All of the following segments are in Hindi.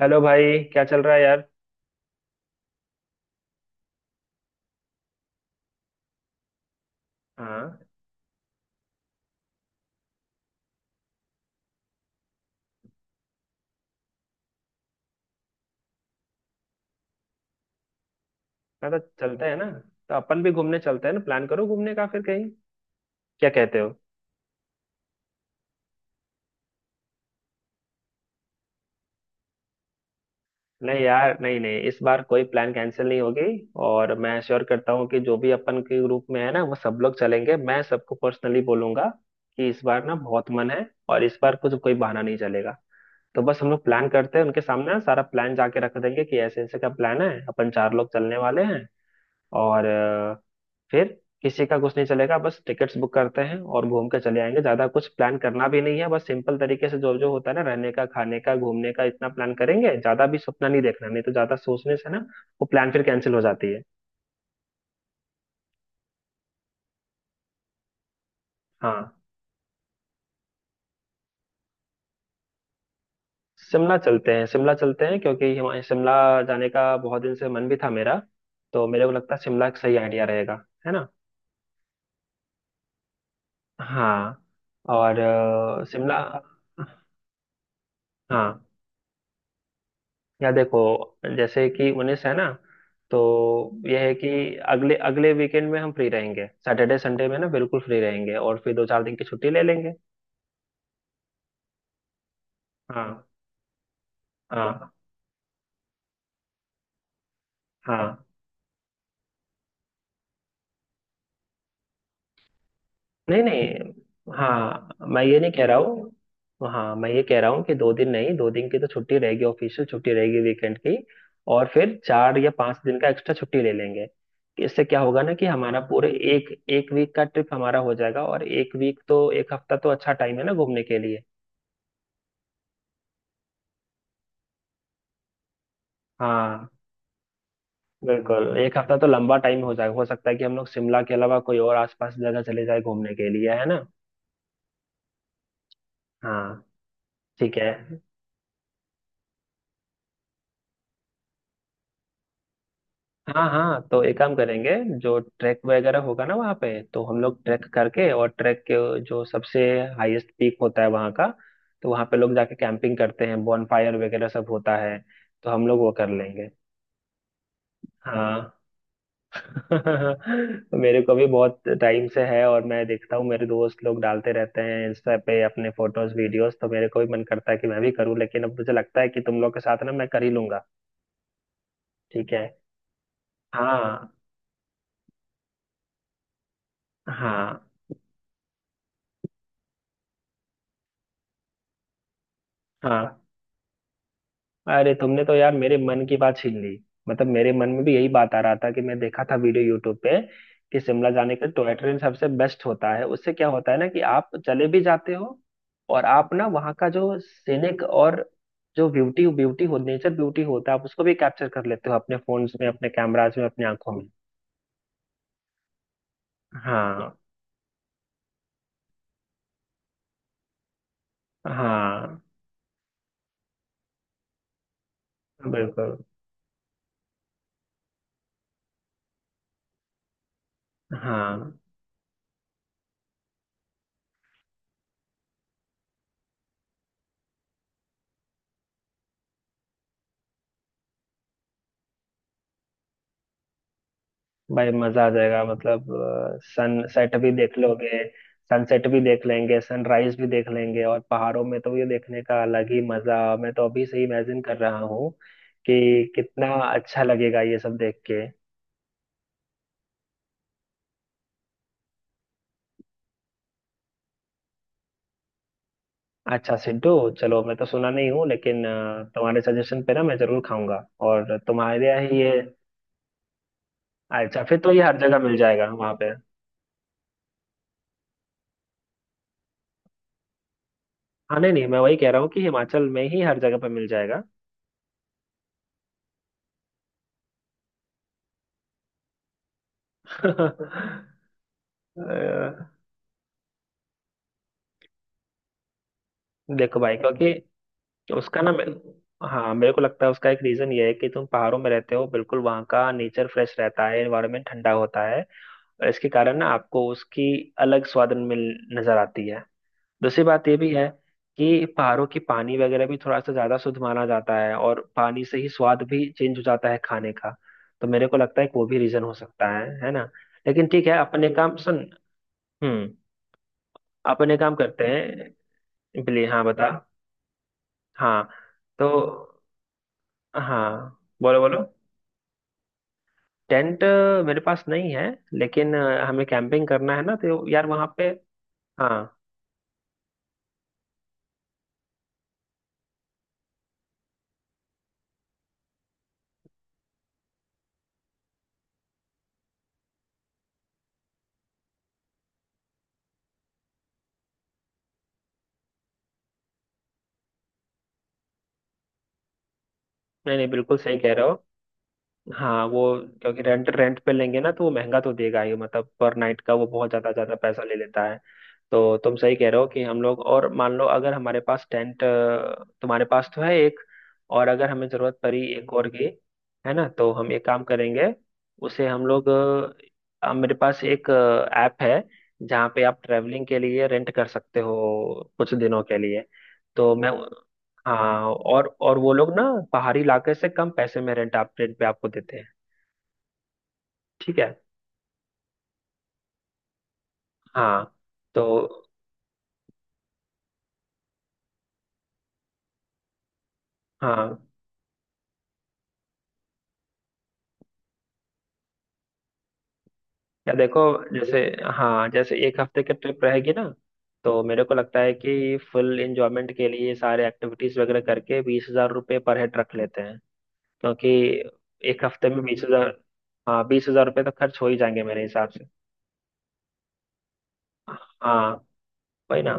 हेलो भाई, क्या चल रहा है यार। हाँ। मैं तो चलते हैं ना, तो अपन भी घूमने चलते हैं ना। प्लान करो घूमने का फिर कहीं। क्या कहते हो। नहीं यार, नहीं नहीं, इस बार कोई प्लान कैंसिल नहीं होगी। और मैं श्योर करता हूँ कि जो भी अपन के ग्रुप में है ना वो सब लोग चलेंगे, मैं सबको पर्सनली बोलूंगा कि इस बार ना बहुत मन है और इस बार कुछ कोई बहाना नहीं चलेगा। तो बस हम लोग प्लान करते हैं, उनके सामने ना सारा प्लान जाके रख देंगे कि ऐसे ऐसे का प्लान है, अपन चार लोग चलने वाले हैं और फिर किसी का कुछ नहीं चलेगा। बस टिकट्स बुक करते हैं और घूम के चले आएंगे, ज्यादा कुछ प्लान करना भी नहीं है। बस सिंपल तरीके से जो जो होता है ना, रहने का, खाने का, घूमने का, इतना प्लान करेंगे। ज्यादा भी सपना नहीं देखना, नहीं तो ज्यादा सोचने से ना वो प्लान फिर कैंसिल हो जाती है। हाँ। शिमला चलते हैं, शिमला चलते हैं क्योंकि शिमला जाने का बहुत दिन से मन भी था मेरा। तो मेरे को लगता है शिमला एक सही आइडिया रहेगा, है ना। हाँ। और शिमला। हाँ। या देखो, जैसे कि 19 है ना, तो यह है कि अगले अगले वीकेंड में हम फ्री रहेंगे, सैटरडे संडे में ना बिल्कुल फ्री रहेंगे। और फिर दो चार दिन की छुट्टी ले लेंगे। हाँ हाँ हाँ। नहीं नहीं, हाँ मैं ये नहीं कह रहा हूँ, हाँ मैं ये कह रहा हूँ कि 2 दिन नहीं, 2 दिन की तो छुट्टी रहेगी, ऑफिशियल छुट्टी रहेगी वीकेंड की। और फिर 4 या 5 दिन का एक्स्ट्रा छुट्टी ले लेंगे। इससे क्या होगा ना कि हमारा पूरे एक एक वीक का ट्रिप हमारा हो जाएगा। और एक वीक तो, एक हफ्ता तो अच्छा टाइम है ना घूमने के लिए। हाँ। बिल्कुल, एक हफ्ता तो लंबा टाइम हो जाए। हो सकता है कि हम लोग शिमला के अलावा कोई और आसपास जगह चले जाए घूमने के लिए, है ना। हाँ। ठीक है। हाँ हाँ, तो एक काम करेंगे, जो ट्रैक वगैरह होगा ना वहाँ पे, तो हम लोग ट्रैक करके और ट्रैक के जो सबसे हाईएस्ट पीक होता है वहाँ का, तो वहाँ पे लोग जाके कैंपिंग करते हैं, बॉनफायर वगैरह सब होता है, तो हम लोग वो कर लेंगे। हाँ। मेरे को भी बहुत टाइम से है और मैं देखता हूँ मेरे दोस्त लोग डालते रहते हैं इंस्टा पे अपने फोटोज वीडियोस, तो मेरे को भी मन करता है कि मैं भी करूँ। लेकिन अब मुझे लगता है कि तुम लोग के साथ ना मैं कर ही लूंगा। ठीक है। हाँ हाँ हाँ। अरे तुमने तो यार मेरे मन की बात छीन ली। मतलब मेरे मन में भी यही बात आ रहा था कि मैं देखा था वीडियो यूट्यूब पे कि शिमला जाने का टॉय ट्रेन सबसे बेस्ट होता है। उससे क्या होता है ना कि आप चले भी जाते हो, और आप ना वहाँ का जो सीनिक और जो ब्यूटी ब्यूटी हो, नेचर ब्यूटी होता है, आप उसको भी कैप्चर कर लेते हो अपने फोन्स में, अपने कैमराज में, अपनी आंखों में। हाँ हाँ, बिल्कुल। हाँ भाई, मजा आ जाएगा मतलब। सनसेट भी देख लोगे। सनसेट भी देख लेंगे, सनराइज भी देख लेंगे, और पहाड़ों में तो ये देखने का अलग ही मजा। मैं तो अभी से ही इमेजिन कर रहा हूँ कि कितना अच्छा लगेगा ये सब देख के। अच्छा सिद्धू। चलो, मैं तो सुना नहीं हूँ लेकिन तुम्हारे सजेशन पे ना मैं जरूर खाऊंगा, और तुम्हारे यहाँ ही ये। अच्छा, फिर तो ये हर जगह मिल जाएगा वहां पे। हाँ नहीं नहीं, मैं वही कह रहा हूँ कि हिमाचल में ही हर जगह पे मिल जाएगा। अ, देखो भाई, क्योंकि उसका ना, मेरे, हाँ मेरे को लगता है उसका एक रीजन ये है कि तुम पहाड़ों में रहते हो बिल्कुल, वहाँ का नेचर फ्रेश रहता है, एनवायरनमेंट ठंडा होता है, और इसके कारण ना आपको उसकी अलग स्वाद मिल नजर आती है। दूसरी बात ये भी है कि पहाड़ों की पानी वगैरह भी थोड़ा सा ज्यादा शुद्ध माना जाता है, और पानी से ही स्वाद भी चेंज हो जाता है खाने का। तो मेरे को लगता है कि वो भी रीजन हो सकता है ना। लेकिन ठीक है, अपने काम सुन। हम्म। अपने काम करते हैं। बिल्ली हाँ बता। हाँ। तो, हाँ बोलो बोलो। टेंट, मेरे पास नहीं है, लेकिन हमें कैंपिंग करना है ना, तो यार वहाँ पे। हाँ। नहीं नहीं, बिल्कुल सही कह रहे हो। हाँ वो, क्योंकि रेंट रेंट पे लेंगे ना, तो वो महंगा तो देगा ही मतलब, पर नाइट का वो बहुत ज्यादा ज्यादा पैसा ले लेता है। तो तुम सही कह रहे हो कि हम लोग, और मान लो अगर हमारे पास टेंट, तुम्हारे पास तो है एक, और अगर हमें जरूरत पड़ी एक और की, है ना, तो हम एक काम करेंगे। उसे हम लोग, मेरे पास एक ऐप है जहाँ पे आप ट्रैवलिंग के लिए रेंट कर सकते हो कुछ दिनों के लिए। तो मैं, हाँ, और वो लोग ना पहाड़ी इलाके से कम पैसे में रेंट आप रेंट पे आपको देते हैं। ठीक है। हाँ। तो, हाँ या देखो, जैसे, हाँ जैसे एक हफ्ते की ट्रिप रहेगी ना, तो मेरे को लगता है कि फुल एंजॉयमेंट के लिए सारे एक्टिविटीज वगैरह करके 20,000 रुपये पर हेड रख लेते हैं। क्योंकि एक हफ्ते में 20,000, हाँ 20,000 रुपये तो खर्च हो ही जाएंगे मेरे हिसाब से। हाँ वही ना।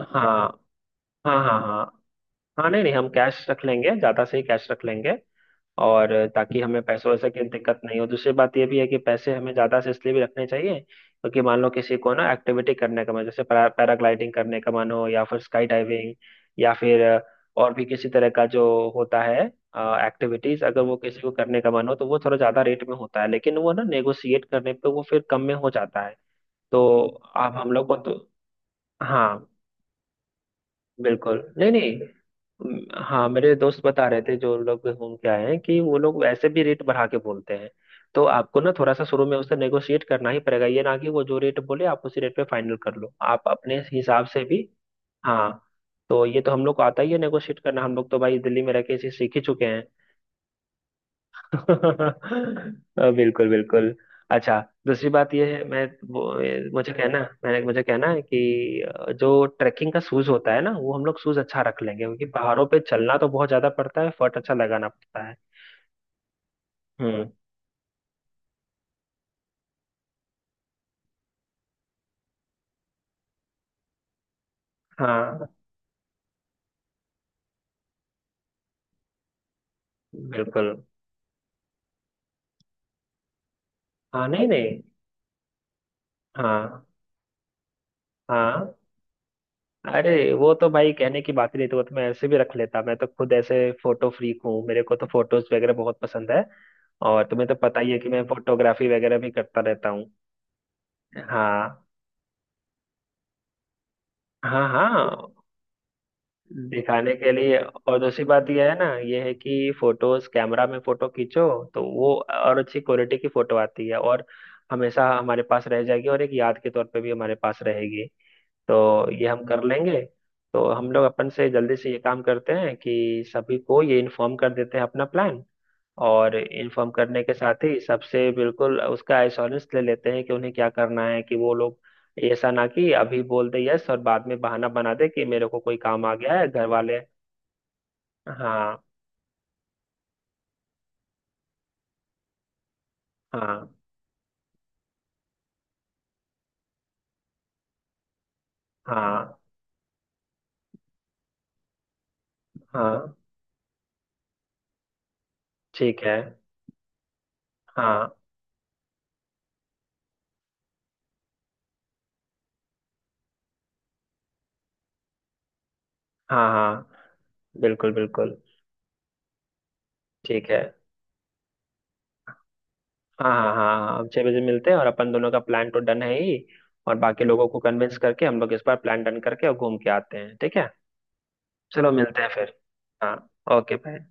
हाँ हाँ हाँ हाँ। हाँ नहीं नहीं, हम कैश रख लेंगे, ज्यादा से ही कैश रख लेंगे। और ताकि हमें पैसों वैसे की दिक्कत नहीं हो। दूसरी बात ये भी है कि पैसे हमें ज्यादा से इसलिए भी रखने चाहिए क्योंकि मान लो किसी को ना एक्टिविटी करने का मन, जैसे पैराग्लाइडिंग करने का मन हो या फिर स्काई डाइविंग या फिर और भी किसी तरह का जो होता है एक्टिविटीज, अगर वो किसी को करने का मन हो तो वो थोड़ा ज्यादा रेट में होता है, लेकिन वो ना नेगोशिएट करने पे वो फिर कम में हो जाता है। तो अब हम लोग को तो, हाँ बिल्कुल, नहीं नहीं। हाँ मेरे दोस्त बता रहे थे जो लोग घूम के आए हैं कि वो लोग वैसे भी रेट बढ़ा के बोलते हैं, तो आपको ना थोड़ा सा शुरू में उससे नेगोशिएट करना ही पड़ेगा। ये ना कि वो जो रेट बोले आप उसी रेट पे फाइनल कर लो, आप अपने हिसाब से भी। हाँ, तो ये तो हम लोग को आता ही है नेगोशिएट करना, हम लोग तो भाई दिल्ली में रह के इसे सीख ही चुके हैं। बिल्कुल बिल्कुल। अच्छा, दूसरी बात यह है, मैं वो ये मुझे कहना, मैंने मुझे कहना है कि जो ट्रैकिंग का शूज होता है ना, वो हम लोग शूज अच्छा रख लेंगे, क्योंकि पहाड़ों पे चलना तो बहुत ज्यादा पड़ता है, फट अच्छा लगाना पड़ता है। हम्म। हाँ। बिल्कुल। हाँ नहीं नहीं। हाँ हाँ। अरे वो तो भाई कहने की बात ही नहीं, तो वो तो मैं ऐसे भी रख लेता, मैं तो खुद ऐसे फोटो फ्रीक हूँ, मेरे को तो फोटोज वगैरह बहुत पसंद है, और तुम्हें तो पता ही है कि मैं फोटोग्राफी वगैरह भी करता रहता हूँ। हाँ हाँ हाँ। दिखाने के लिए, और दूसरी बात यह है ना, ये है कि फोटोज कैमरा में फोटो खींचो तो वो और अच्छी क्वालिटी की फोटो आती है, और हमेशा हमारे पास रह जाएगी, और एक याद के तौर पे भी हमारे पास रहेगी। तो ये हम कर लेंगे। तो हम लोग अपन से जल्दी से ये काम करते हैं कि सभी को ये इन्फॉर्म कर देते हैं अपना प्लान, और इन्फॉर्म करने के साथ ही सबसे बिल्कुल उसका एश्योरेंस ले लेते हैं कि उन्हें क्या करना है, कि वो लोग ऐसा ना कि अभी बोल दे यस और बाद में बहाना बना दे कि मेरे को कोई काम आ गया है घर वाले। हाँ हाँ हाँ हाँ। ठीक है। हाँ हाँ हाँ, बिल्कुल बिल्कुल। ठीक है। हाँ हाँ हाँ हाँ, हम 6 बजे मिलते हैं और अपन दोनों का प्लान तो डन है ही, और बाकी लोगों को कन्विंस करके हम लोग इस बार प्लान डन करके और घूम के आते हैं, ठीक है। चलो मिलते हैं फिर। हाँ। Okay bye.